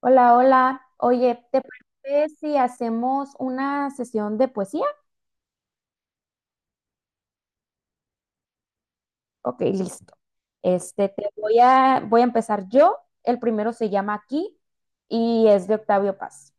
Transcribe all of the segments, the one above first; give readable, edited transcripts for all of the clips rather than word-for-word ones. Hola, hola. Oye, ¿te parece si hacemos una sesión de poesía? Ok, listo. Este, voy a empezar yo. El primero se llama Aquí y es de Octavio Paz.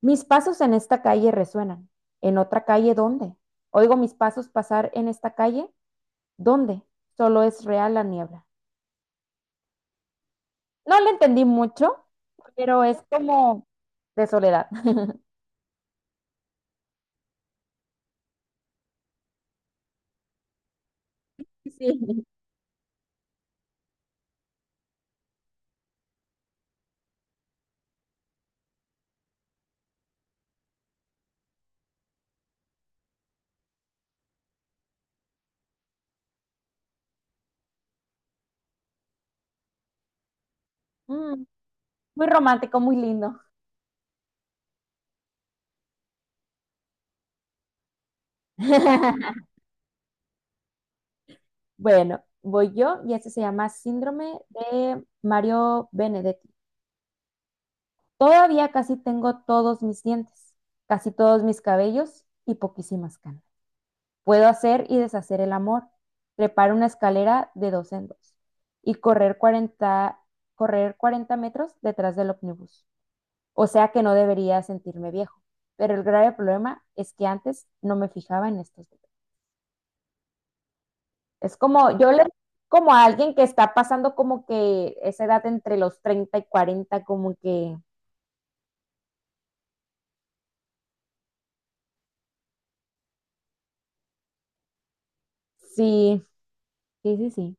Mis pasos en esta calle resuenan. ¿En otra calle dónde? Oigo mis pasos pasar en esta calle. ¿Dónde? Solo es real la niebla. No le entendí mucho, pero es como de soledad. Sí. Mm, muy romántico, muy lindo. Bueno, voy yo y este se llama Síndrome de Mario Benedetti. Todavía casi tengo todos mis dientes, casi todos mis cabellos y poquísimas canas. Puedo hacer y deshacer el amor, trepar una escalera de dos en dos y correr 40 metros detrás del ómnibus. O sea que no debería sentirme viejo, pero el grave problema es que antes no me fijaba en estos detalles. Es como, yo le como a alguien que está pasando como que esa edad entre los 30 y cuarenta como que sí, sí, sí, sí.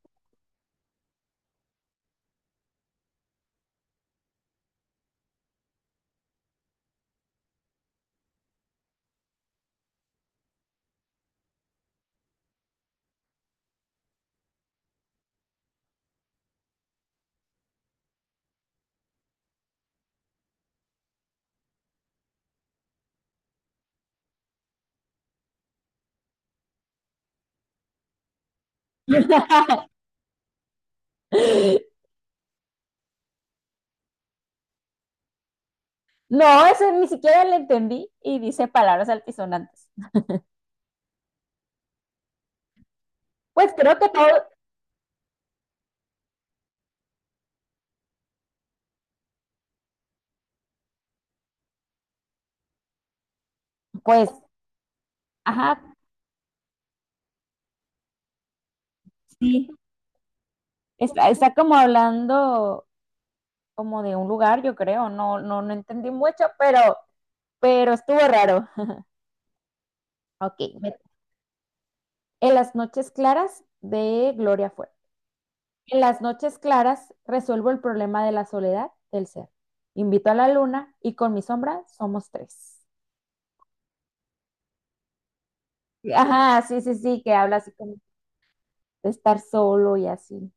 No, eso ni siquiera le entendí y dice palabras altisonantes. Pues creo que todo, pues, ajá, sí, está, está como hablando como de un lugar, yo creo, no, no, no entendí mucho, pero estuvo raro. Ok, en las noches claras de Gloria Fuerte. En las noches claras resuelvo el problema de la soledad del ser. Invito a la luna y con mi sombra somos tres. Ajá, sí, sí, sí, que habla así como de estar solo y así.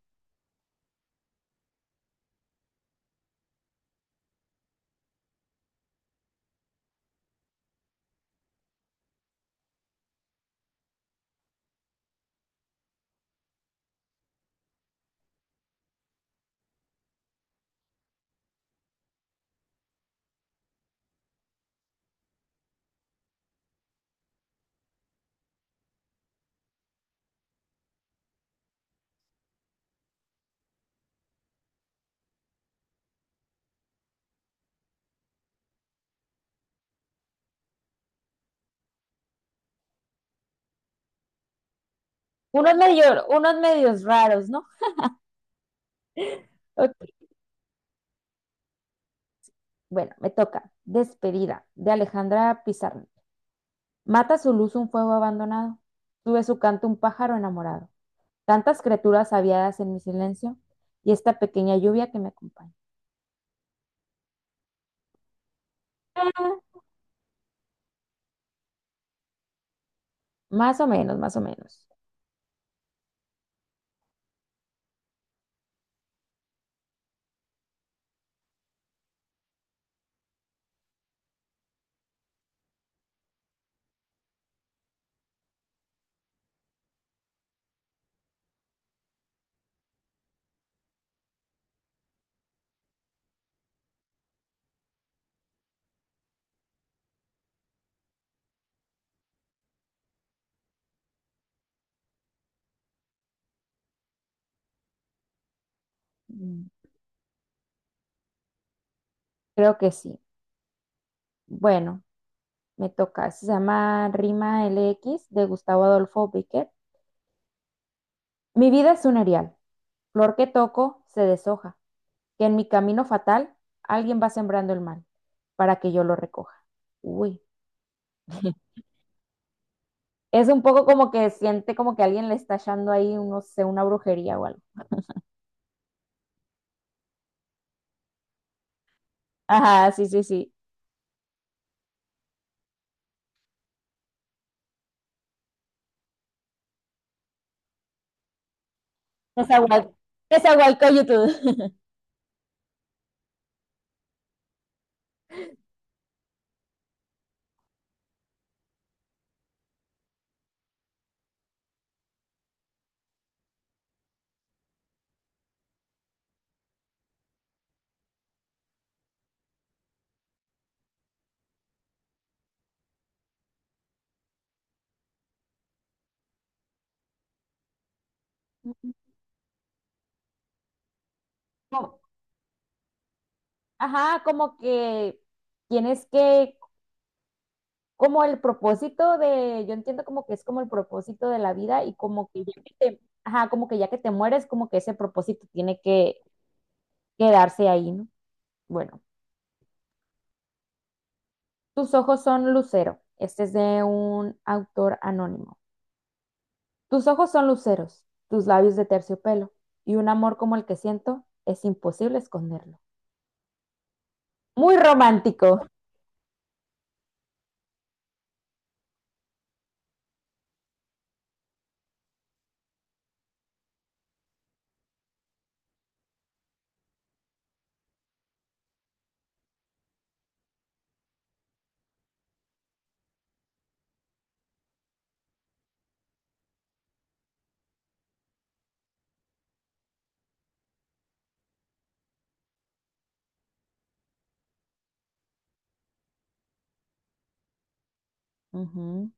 Unos medio, unos medios raros, ¿no? Ok, bueno, me toca. Despedida de Alejandra Pizarro. Mata su luz un fuego abandonado. Sube su canto un pájaro enamorado. Tantas criaturas aviadas en mi silencio y esta pequeña lluvia que me acompaña. Ah, más o menos, más o menos. Mm. Creo que sí. Bueno, me toca. Se llama Rima LX de Gustavo Adolfo Bécquer. Mi vida es un erial, flor que toco se deshoja, que en mi camino fatal alguien va sembrando el mal para que yo lo recoja. Uy, es un poco como que siente como que alguien le está echando ahí, no sé, una brujería o algo. Ajá, sí, sí, sí. Nezahual- Nezahualcóyotl. Como- Ajá, como que tienes que como el propósito de, yo entiendo como que es como el propósito de la vida y como que ya que te, ajá, como que ya que te mueres, como que ese propósito tiene que quedarse ahí, ¿no? Bueno, tus ojos son lucero. Este es de un autor anónimo. Tus ojos son luceros, tus labios de terciopelo y un amor como el que siento es imposible esconderlo. Muy romántico. Ujú.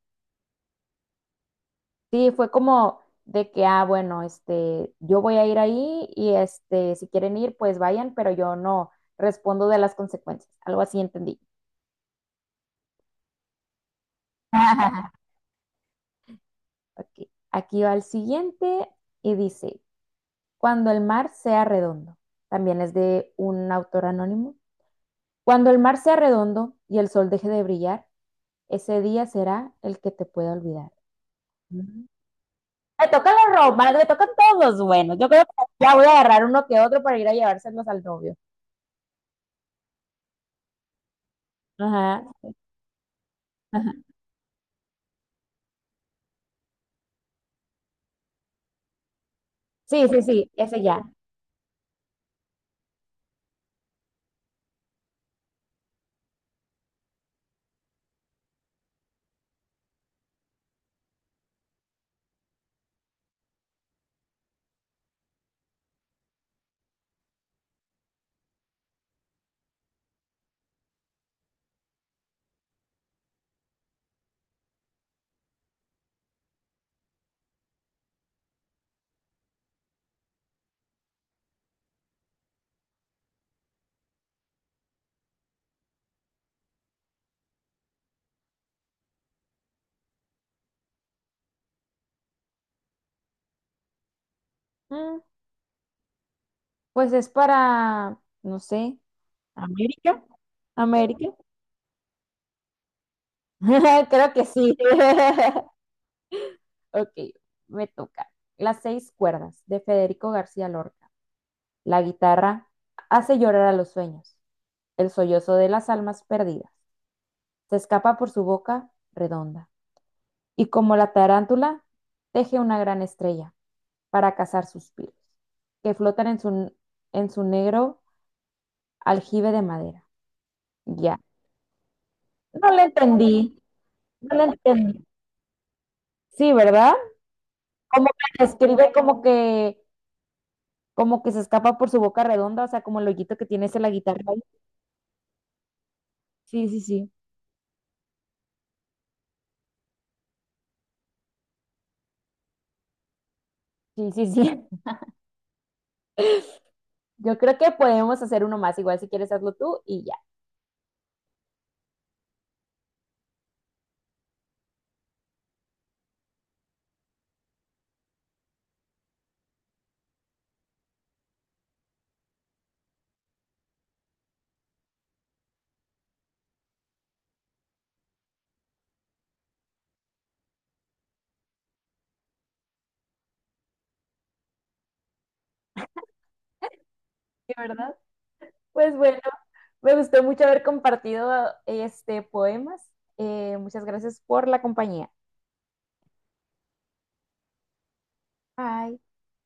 Sí, fue como de que, ah, bueno, este, yo voy a ir ahí y este, si quieren ir, pues vayan, pero yo no respondo de las consecuencias. Algo así entendí. Ok, aquí va el siguiente y dice, cuando el mar sea redondo, también es de un autor anónimo. Cuando el mar sea redondo y el sol deje de brillar, ese día será el que te pueda olvidar. Mm. Me tocan los romanos, me tocan todos los buenos. Yo creo que ya voy a agarrar uno que otro para ir a llevárselos al novio. Ajá. Ajá. Sí, sí, sí, ese ya. Mm, pues es para, no sé, América. América. Creo que sí. Ok, me toca. Las seis cuerdas de Federico García Lorca. La guitarra hace llorar a los sueños, el sollozo de las almas perdidas. Se escapa por su boca redonda y como la tarántula teje una gran estrella para cazar suspiros que flotan en su negro aljibe de madera. Ya. No le entendí, no le entendí. Sí, ¿verdad? Como que escribe como que se escapa por su boca redonda, o sea, como el hoyito que tiene ese la guitarra ahí. Sí, sí, sí, sí, sí, sí. Yo creo que podemos hacer uno más, igual si quieres hazlo tú y ya. Sí, ¿verdad? Pues bueno, me gustó mucho haber compartido este poemas. Muchas gracias por la compañía. Bye.